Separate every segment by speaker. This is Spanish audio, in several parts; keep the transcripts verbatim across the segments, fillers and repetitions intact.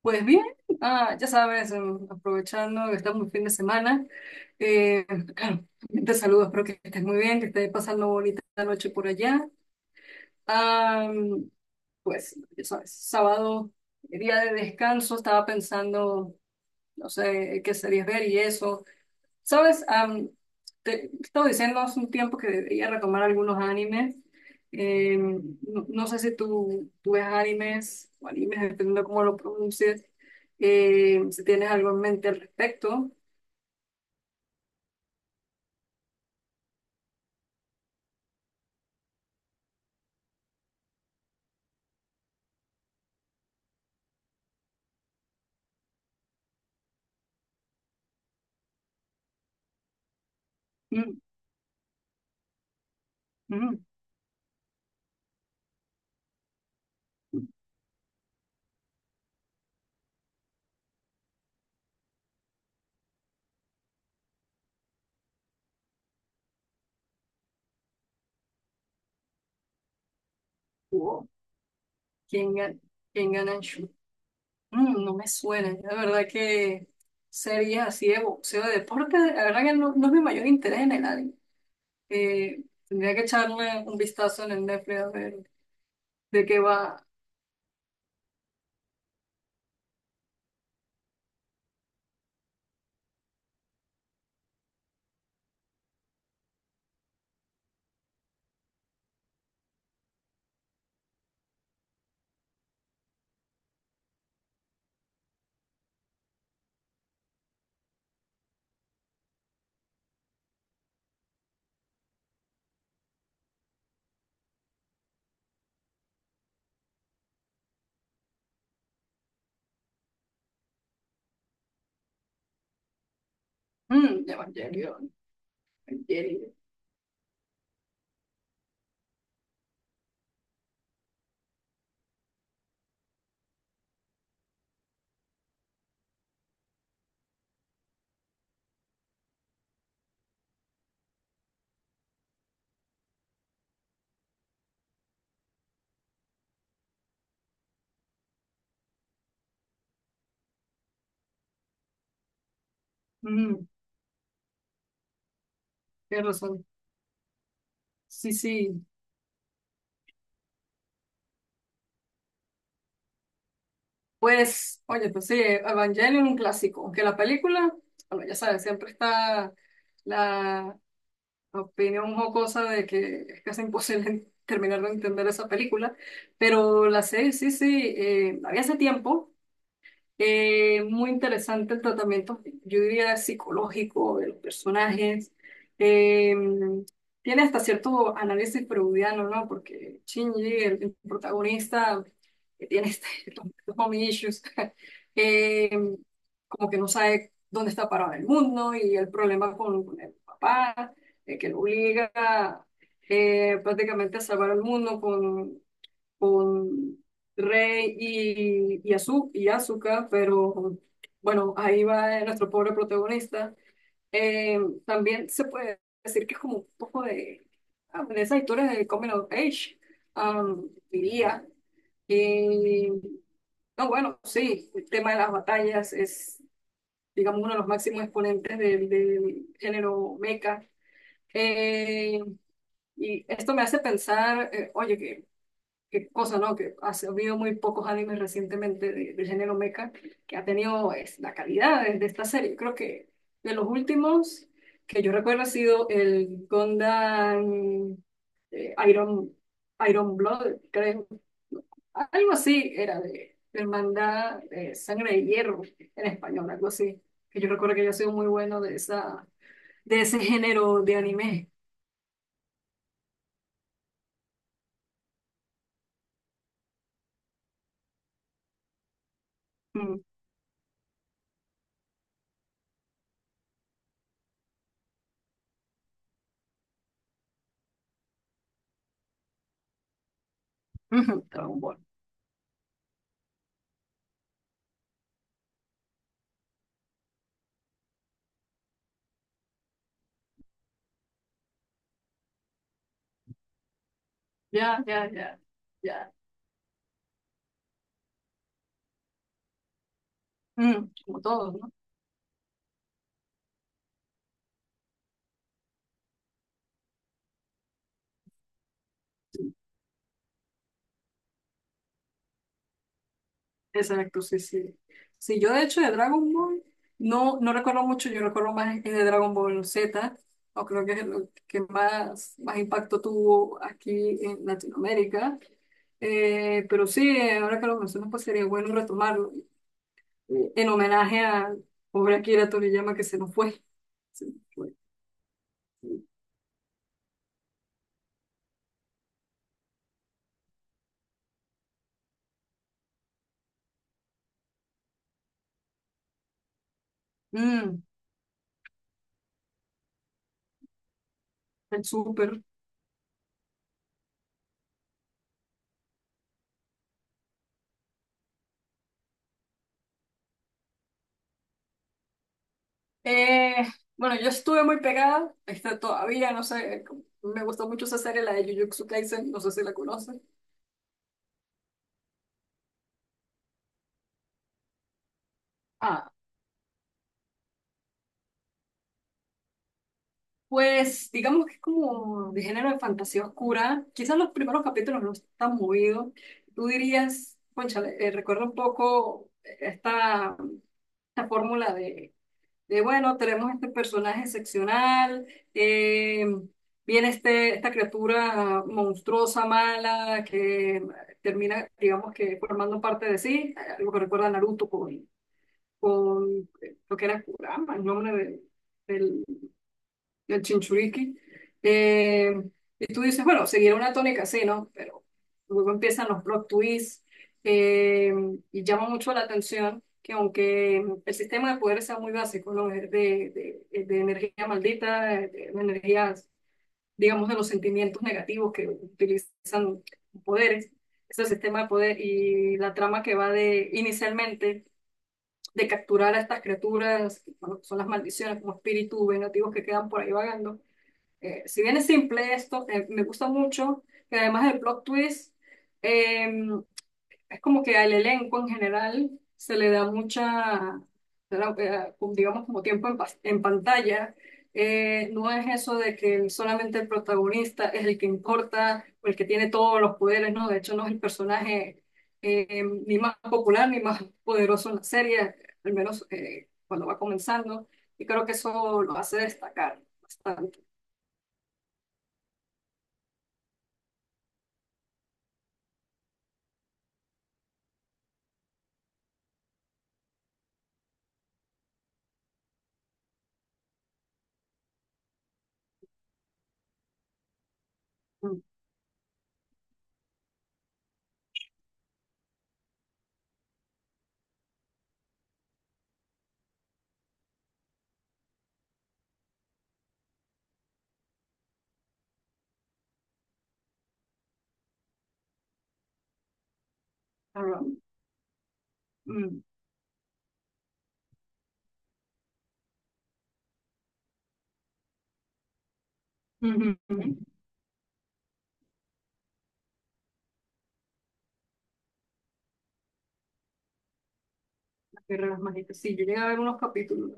Speaker 1: Pues bien, ah, ya sabes, em, aprovechando que estamos en fin de semana, eh, te saludo, espero que estés muy bien, que estés pasando bonita noche por allá. Am, pues, ya sabes, sábado, día de descanso, estaba pensando, no sé, qué series ver y eso. Sabes. Am, te, te estaba diciendo hace un tiempo que debería retomar algunos animes. Eh, no, no sé si tú, tú ves animes o animes, dependiendo de cómo lo pronuncies. Eh, si tienes algo en mente al respecto. Mm. Mm. Wow. ¿Quién gana? ¿Quién gana en shoot? Mm, no me suena. La verdad que sería así de boxeo, de deporte. La verdad que no, no es mi mayor interés en el anime. Eh, tendría que echarle un vistazo en el Netflix a ver de qué va. Mm, Evangelio. Evangelio. Mm, tienes razón. Sí, sí. Pues, oye, pues sí, Evangelion un clásico. Aunque la película, bueno, ya sabes, siempre está la opinión jocosa de que es casi imposible terminar de entender esa película. Pero la serie, sí, sí, eh, la vi hace tiempo. Eh, muy interesante el tratamiento, yo diría, psicológico de los personajes. Eh, Tiene hasta cierto análisis freudiano, ¿no? Porque Shinji, el, el protagonista, que tiene este, los mommy issues, eh, como que no sabe dónde está parado el mundo y el problema con, con el papá, eh, que lo obliga eh, prácticamente a salvar el mundo con con Rey y, y, Azu- y Asuka, pero bueno, ahí va nuestro pobre protagonista. Eh, También se puede decir que es como un poco de, ah, de esas historias de Coming of Age, am, diría. Y, no, bueno, sí, el tema de las batallas es, digamos, uno de los máximos exponentes del, del género mecha. Eh, y esto me hace pensar, eh, oye, que qué cosa, ¿no? Que ha habido muy pocos animes recientemente de- del género mecha que ha tenido es, la calidad de, de esta serie. Creo que de los últimos que yo recuerdo ha sido el Gundam eh, Iron, Iron Blood, creo. Algo así era de de Hermandad de Sangre de Hierro en español, algo así. Que yo recuerdo que yo he sido muy bueno de esa, de ese género de anime. Mm. Ujú, Dragon Ball. Ya, ya, ya, ya. Mm, como todos, ¿no? Exacto, sí, sí. Sí, yo de hecho de Dragon Ball no, no recuerdo mucho, yo recuerdo más el de Dragon Ball Z, o creo que es lo que más, más impacto tuvo aquí en Latinoamérica. Eh, pero sí, eh, ahora que lo mencionas, pues sería bueno retomarlo eh, en homenaje a pobre Akira Toriyama que se nos fue. Se nos fue. Mm, el súper. Eh, bueno, yo estuve muy pegada, está todavía, no sé, me gustó mucho esa serie, la de Jujutsu Kaisen, no sé si la conocen. Ah, pues digamos que es como de género de fantasía oscura. Quizás los primeros capítulos no están movidos. Tú dirías, cónchale, eh, recuerda un poco esta, esta fórmula de de bueno, tenemos este personaje excepcional, eh, viene este, esta criatura monstruosa, mala, que termina, digamos que formando parte de sí, algo que recuerda a Naruto con, con eh, lo que era Kurama, el nombre de- del, el chinchuriki. Eh, y tú dices, bueno, seguirá una tónica así, ¿no? Pero luego empiezan los plot twists eh, y llama mucho la atención que aunque el sistema de poderes sea muy básico, ¿no? Es de, de, de energía maldita, de, de energías, digamos, de los sentimientos negativos que utilizan poderes, es el sistema de poder y la trama que va de inicialmente de capturar a estas criaturas, bueno, son las maldiciones como espíritus vengativos que quedan por ahí vagando, eh, si bien es simple esto, eh, me gusta mucho que además del plot twist, eh, es como que al elenco en general se le da mucha, se le da, eh, como digamos, como tiempo en, pas- en pantalla. Eh, no es eso de que solamente el protagonista es el que importa o el que tiene todos los poderes, ¿no? De hecho, no es el personaje eh, ni más popular ni más poderoso en la serie, al menos eh, cuando va comenzando. Y creo que eso lo hace destacar bastante. Ah. Mm. Ujú, ujú. La Guerra de las Magitas. Sí, yo llegué a ver unos capítulos.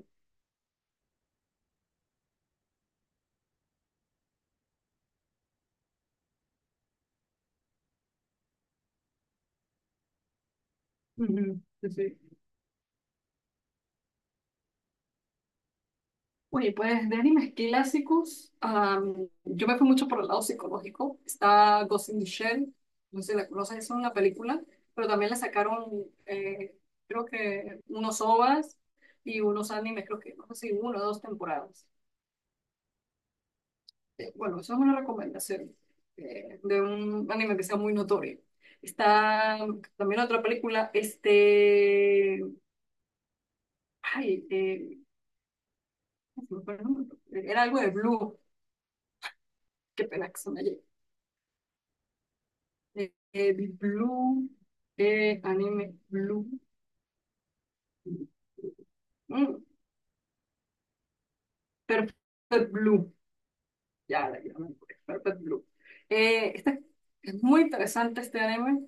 Speaker 1: Ujú, sí, sí. Oye, pues de animes clásicos, am, yo me fui mucho por el lado psicológico. Está Ghost in the Shell, no sé si la conoces, es una película, pero también le sacaron, eh, creo que unos O V As y unos animes, creo que, no sé si uno o dos temporadas. Eh, bueno, eso es una recomendación eh, de un anime que sea muy notorio. Está también otra película, este, ay, eh, era algo de Blue. Qué pena que se me haya- eh, eh, Blue, eh, anime, Blue. Mm, Perfect Blue. Ya, la ya me acuerdo, Perfect Blue. Eh, este- es muy interesante este anime,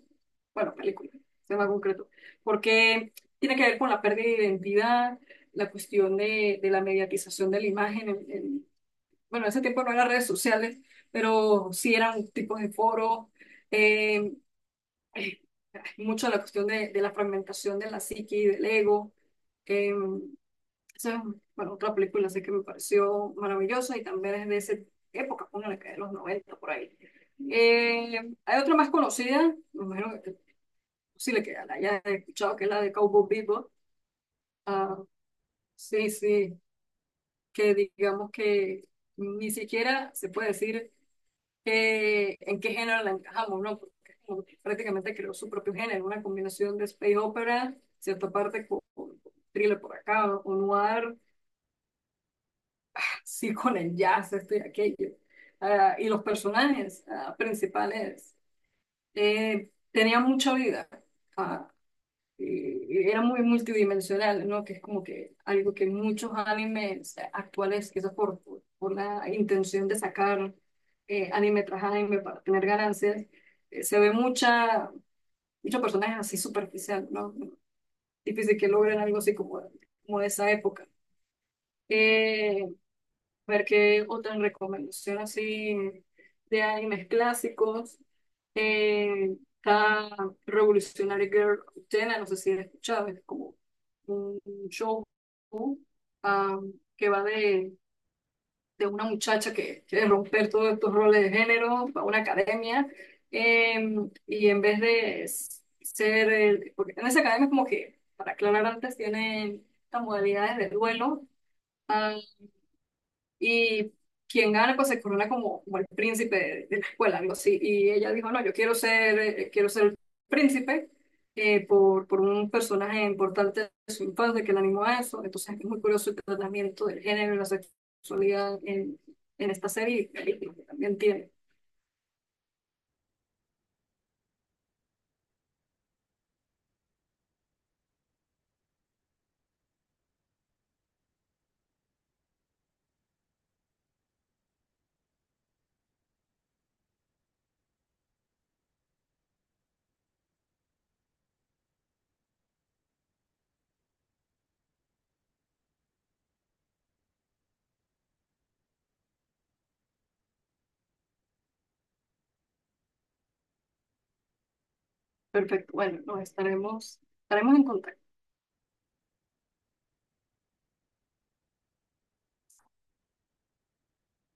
Speaker 1: bueno, película, se llama concreto, porque tiene que ver con la pérdida de identidad, la cuestión de, de la mediatización de la imagen en bueno, ese tiempo no eran redes sociales, pero sí eran tipos de foros, eh, eh, mucho la cuestión de, de la fragmentación de la psique y del ego. eh, Esa es, bueno, otra película así que me pareció maravillosa y también es de esa época, póngale que de los noventa por ahí. Eh, Hay otra más conocida, me imagino que es posible que la hayas escuchado, que es la de Cowboy Bebop. Ah, sí, sí, que digamos que ni siquiera se puede decir que- en qué género la encajamos, ¿no? Porque prácticamente creó su propio género, una combinación de space opera, cierta parte con, con thriller por acá, o noir, sí con el jazz, esto y aquello. Ah, y los personajes ah, principales eh, tenían mucha vida. Ah, eh, Era muy multidimensional, ¿no? Que es como que algo que muchos animes actuales, quizás por, por, por la intención de sacar eh, anime tras anime para tener ganancias, eh, se ve mucha, muchos personajes así superficial, ¿no? Difícil que logren algo así como, como de esa época. Eh, Ver qué otra recomendación así de animes clásicos. Eh, está Revolutionary Girl Utena, no sé si la has escuchado, es como un show ah, que va de, de una muchacha que quiere romper todos estos roles de género, va a una academia, eh, y en vez de s- ser, el- porque en esa academia es como que, para aclarar antes, tienen estas modalidades de duelo, ah, y quien gana, pues se corona como, como el príncipe de, de la escuela, algo así. Y ella dijo, no, yo quiero ser, eh, quiero ser el príncipe eh, por, por un personaje importante de su infancia que le animó a eso. Entonces es muy curioso el tratamiento del género y la sexualidad en, en esta serie y película que también tiene. Perfecto, bueno, nos estaremos, estaremos en contacto.